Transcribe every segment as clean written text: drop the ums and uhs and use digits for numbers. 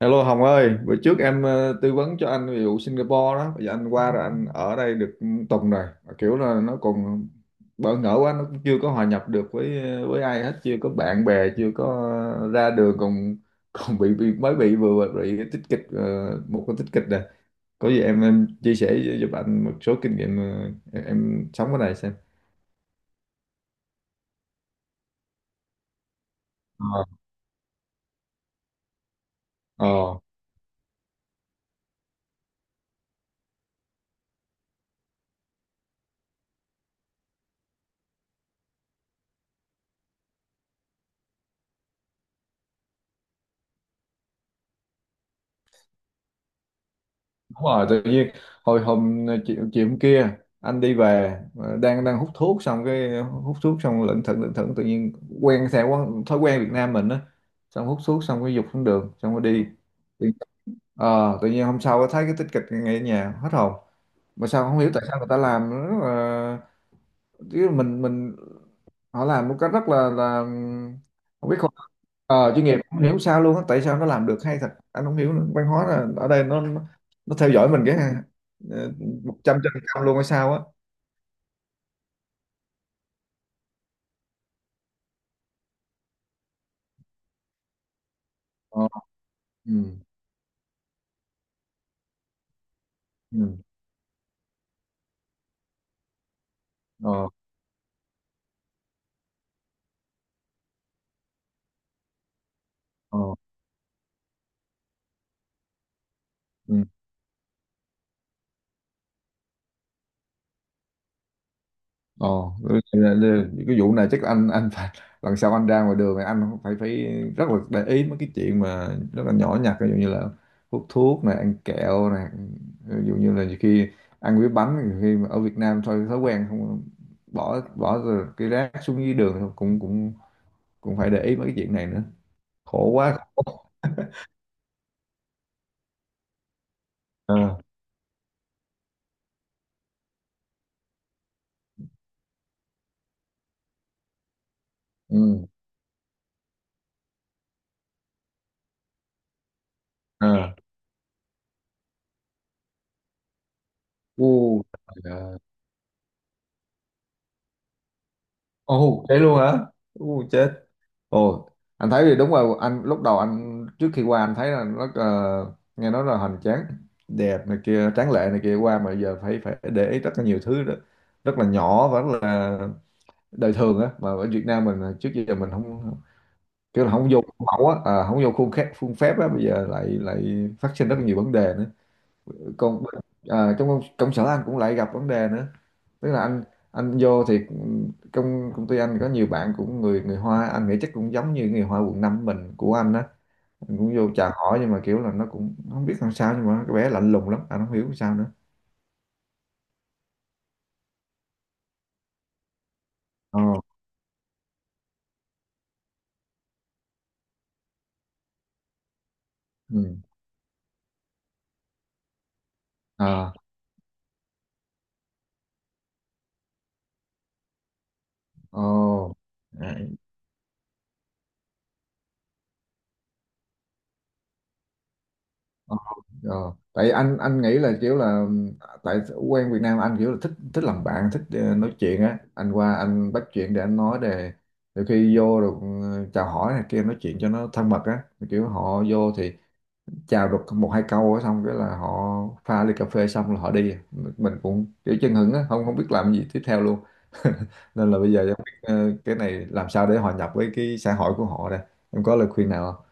Hello Hồng ơi, bữa trước em tư vấn cho anh về vụ Singapore đó, bây giờ anh qua rồi anh ở đây được tuần rồi. Mà kiểu là nó còn bỡ ngỡ quá, nó cũng chưa có hòa nhập được với với ai hết, chưa có bạn bè, chưa có ra đường còn còn bị mới bị vừa bị cái tích kịch, một cái tích kịch rồi. Có gì em chia sẻ giúp anh một số kinh nghiệm, em sống ở đây xem. Ờ. Ờ. Đúng rồi, tự nhiên hồi hôm chiều hôm kia anh đi về, ờ, đang đang hút thuốc xong cái hút thuốc xong lững thững tự nhiên quen theo quán, thói quen Việt Nam mình á, xong hút thuốc xong cái dục xuống đường xong rồi đi. Tự- tự nhiên hôm sau thấy cái tích kịch ngay ở nhà hết hồn, mà sao không hiểu tại sao người ta làm nữa. Chứ mình họ làm một cách rất là không biết không, chuyên nghiệp không hiểu sao luôn á, tại sao nó làm được hay thật anh không hiểu nữa. Văn hóa là ở đây nó theo dõi mình cái 100% luôn hay sao á. Ờ. Ừ. Ừ. Ờ. Ờ. Ừ. Ồ, ừ, cái vụ này chắc anh phải lần sau anh ra ngoài đường thì anh phải phải rất là để ý mấy cái chuyện mà rất là nhỏ nhặt, ví dụ như là hút thuốc này, ăn kẹo này, ví dụ như là nhiều khi ăn cái bánh nhiều khi mà ở Việt Nam thôi thói quen không, bỏ bỏ rồi cái rác xuống dưới đường thôi, cũng cũng cũng phải để ý mấy cái chuyện này nữa. Khổ quá. À. Ừ. À. U. Trời ơi. Ồ, thế luôn hả? U chết. Ồ, anh thấy thì đúng rồi, anh lúc đầu anh trước khi qua anh thấy là nó, nghe nói là hoành tráng, đẹp này kia, tráng lệ này kia, qua mà giờ phải phải để ý rất là nhiều thứ đó. Rất là nhỏ và rất là đời thường á, mà ở Việt Nam mình à, trước giờ mình không kiểu là không vô khuôn mẫu á, à, không vô khuôn phép á, bây giờ lại lại phát sinh rất là nhiều vấn đề nữa. Còn à, trong công sở anh cũng lại gặp vấn đề nữa, tức là anh vô thì trong công ty anh có nhiều bạn cũng người người Hoa, anh nghĩ chắc cũng giống như người Hoa quận 5 mình của anh á, anh cũng vô chào hỏi nhưng mà kiểu là nó cũng không biết làm sao, nhưng mà cái bé lạnh lùng lắm anh không hiểu sao nữa. Ồ. Ừ. Ờ. Ồ. Ờ. Ờ. Tại anh nghĩ là kiểu là, tại quen Việt Nam anh kiểu là thích thích làm bạn, thích, nói chuyện á, anh qua anh bắt chuyện để anh nói, để đôi khi vô được, chào hỏi này kia, nói chuyện cho nó thân mật á, kiểu họ vô thì chào được một hai câu á, xong cái là họ pha ly cà phê xong là họ đi, mình cũng kiểu chân hững á, không không biết làm gì tiếp theo luôn. Nên là bây giờ em biết, cái này làm sao để hòa nhập với cái xã hội của họ đây, em có lời khuyên nào không?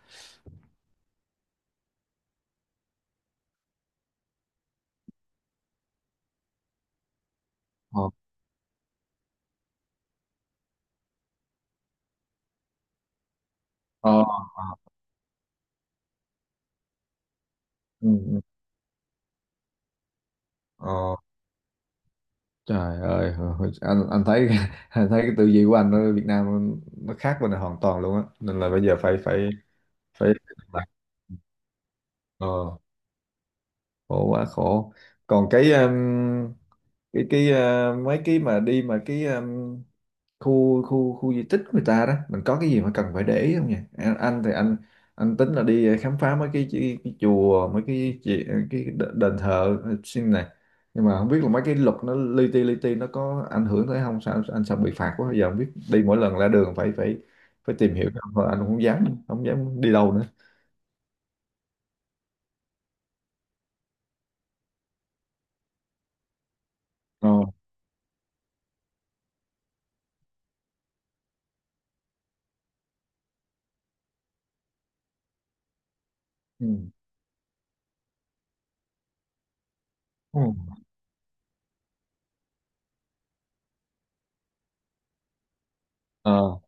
Ờ. Ờ. Ờ. Ừ. Ừ. Ờ. Trời ơi, anh thấy anh thấy cái tư duy của anh ở Việt Nam nó khác bên này hoàn toàn luôn á, nên là bây giờ phải phải phải ờ, khổ quá khổ. Còn cái, cái mấy cái mà đi mà cái, khu khu khu di tích của người ta đó, mình có cái gì mà cần phải để ý không nhỉ anh? Anh thì anh anh tính là đi, khám phá mấy cái chùa, mấy cái, cái đền thờ, xin này, nhưng mà không biết là mấy cái luật nó li ti nó có ảnh hưởng tới không, sao anh sợ bị phạt quá, giờ không biết đi, mỗi lần ra đường phải phải phải tìm hiểu không. Thôi anh cũng không dám đi đâu nữa. Ờ. Ừ. Ờ. Ờ.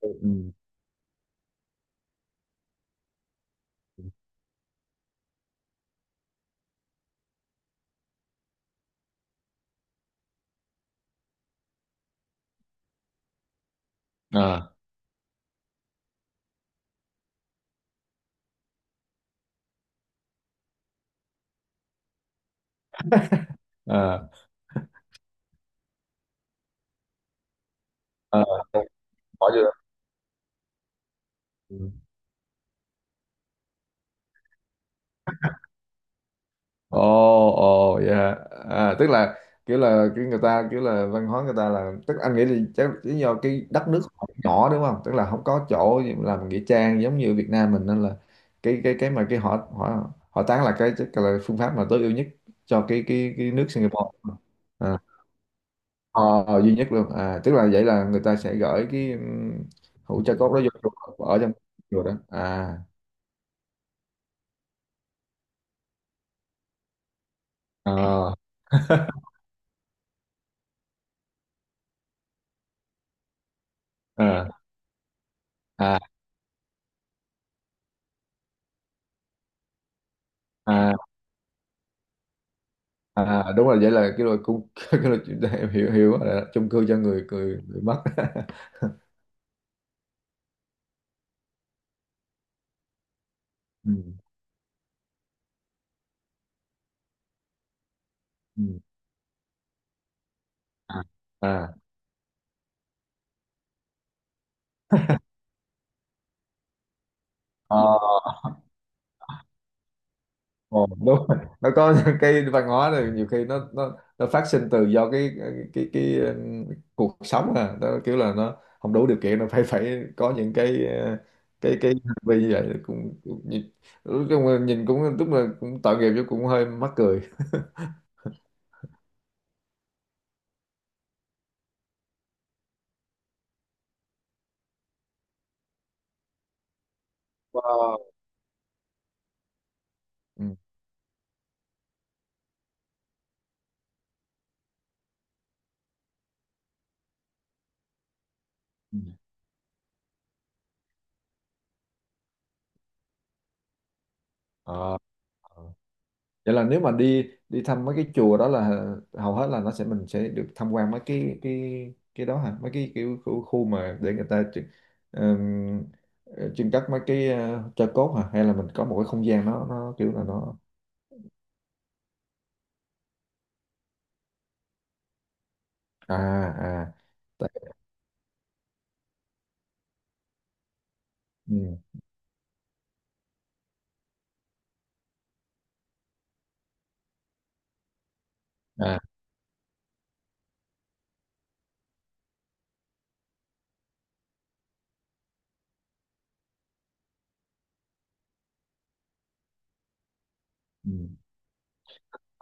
Ừ. Ừ. Ờ. Ờ. Ờ. Bỏ vô. Ồ, ồ, dạ. À, tức là kiểu là, kiểu người ta, kiểu là văn hóa người ta là, tức anh nghĩ là chắc lý do cái đất nước họ nhỏ đúng không? Tức là không có chỗ gì mà làm nghĩa trang giống như Việt Nam mình, nên là cái mà cái họ họ họ tán là cái chắc là phương pháp mà tối ưu nhất cho cái nước Singapore. À, ờ, duy nhất luôn. À, tức là vậy là người ta sẽ gửi cái, hũ tro cốt đó vô chùa, ở trong chùa đó. À. Ờ. À. À. À. À, đúng rồi, vậy là cái loại cung cái loại chuyện đó em hiểu hiểu rồi đó, chung cư cho người người người mất. Ừ. Ừ. À. À. Ờ, ờ, đúng rồi. Nó có cái văn hóa này nhiều khi nó phát sinh từ do cái cuộc sống à đó, kiểu là nó không đủ điều kiện, nó phải phải có những cái, cái hành vi như vậy, cũng nhìn, nói chung là nhìn cũng tức là cũng tội nghiệp, chứ cũng hơi mắc cười. Wow. Ừ. Ừ. Ờ. Ờ. Vậy là nếu mà đi đi thăm mấy cái chùa đó là, hầu hết là nó sẽ mình sẽ được tham quan mấy cái đó hả, mấy cái kiểu khu mà để người ta trưng-, ừm, trưng cất mấy cái, tro cốt hả, hay là mình có một cái không gian nó kiểu là nó. À. À. Tại. Ừ. À. Ừ.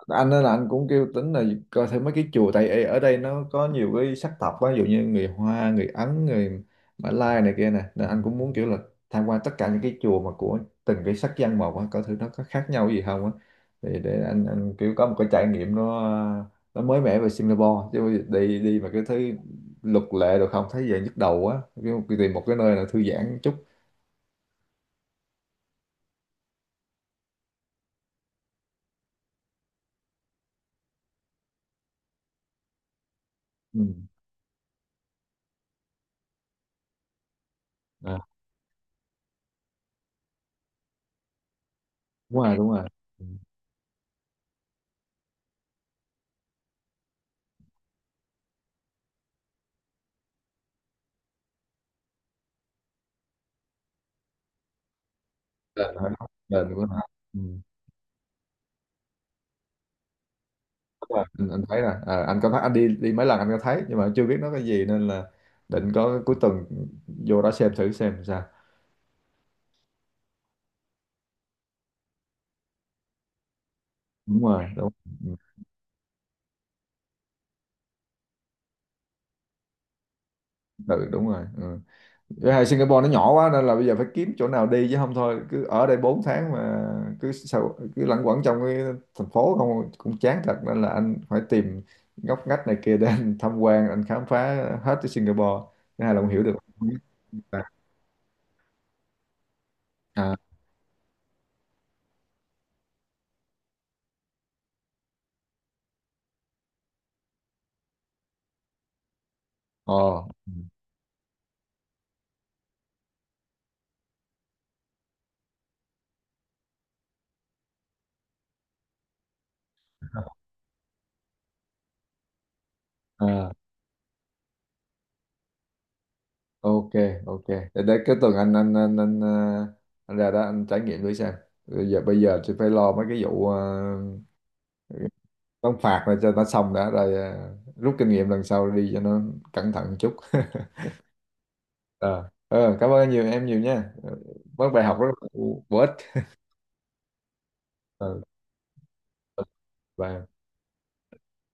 Anh nói là anh cũng kêu tính là coi thêm mấy cái chùa, tại ở ở đây nó có nhiều cái sắc tộc quá, ví dụ như người Hoa, người Ấn, người Mã Lai này kia nè, nên anh cũng muốn kiểu là tham quan tất cả những cái chùa mà của từng cái sắc dân một á, coi thử nó có khác nhau gì không á, thì để anh kiểu có một cái trải nghiệm nó mới mẻ về Singapore chứ, đi đi mà cái thứ luật lệ được không, thấy về nhức đầu quá, kiểu tìm một cái nơi là thư giãn chút. Ừ. À, đúng rồi, đúng rồi. Ừ. Đền hả, đền của nó. Ừ. Đúng rồi. Anh thấy rồi. Ờ, anh có thấy, anh đi đi mấy lần anh có thấy, nhưng mà chưa biết nó cái gì, nên là định có cuối tuần vô đó xem thử xem sao. Đúng rồi, đúng. Ừ, tự đúng rồi. Ừ. Với hai Singapore nó nhỏ quá, nên là bây giờ phải kiếm chỗ nào đi, chứ không thôi cứ ở đây 4 tháng mà cứ sao cứ lẩn quẩn trong cái thành phố không cũng chán thật, nên là anh phải tìm ngóc ngách này kia để anh tham quan, anh khám phá hết cái Singapore, cái này là cũng hiểu được. À. Ồ. À. Ok. Ok, để cái tuần anh anh ra đó anh trải nghiệm thử xem. Bây giờ thì phải lo mấy cái vụ, đóng phạt rồi cho nó xong đã, rồi, rút kinh nghiệm lần sau đi cho nó cẩn thận một chút. Ờ, ờ, cảm ơn nhiều em nhiều nha, mất bài học rất là bổ ích. Ờ, bye.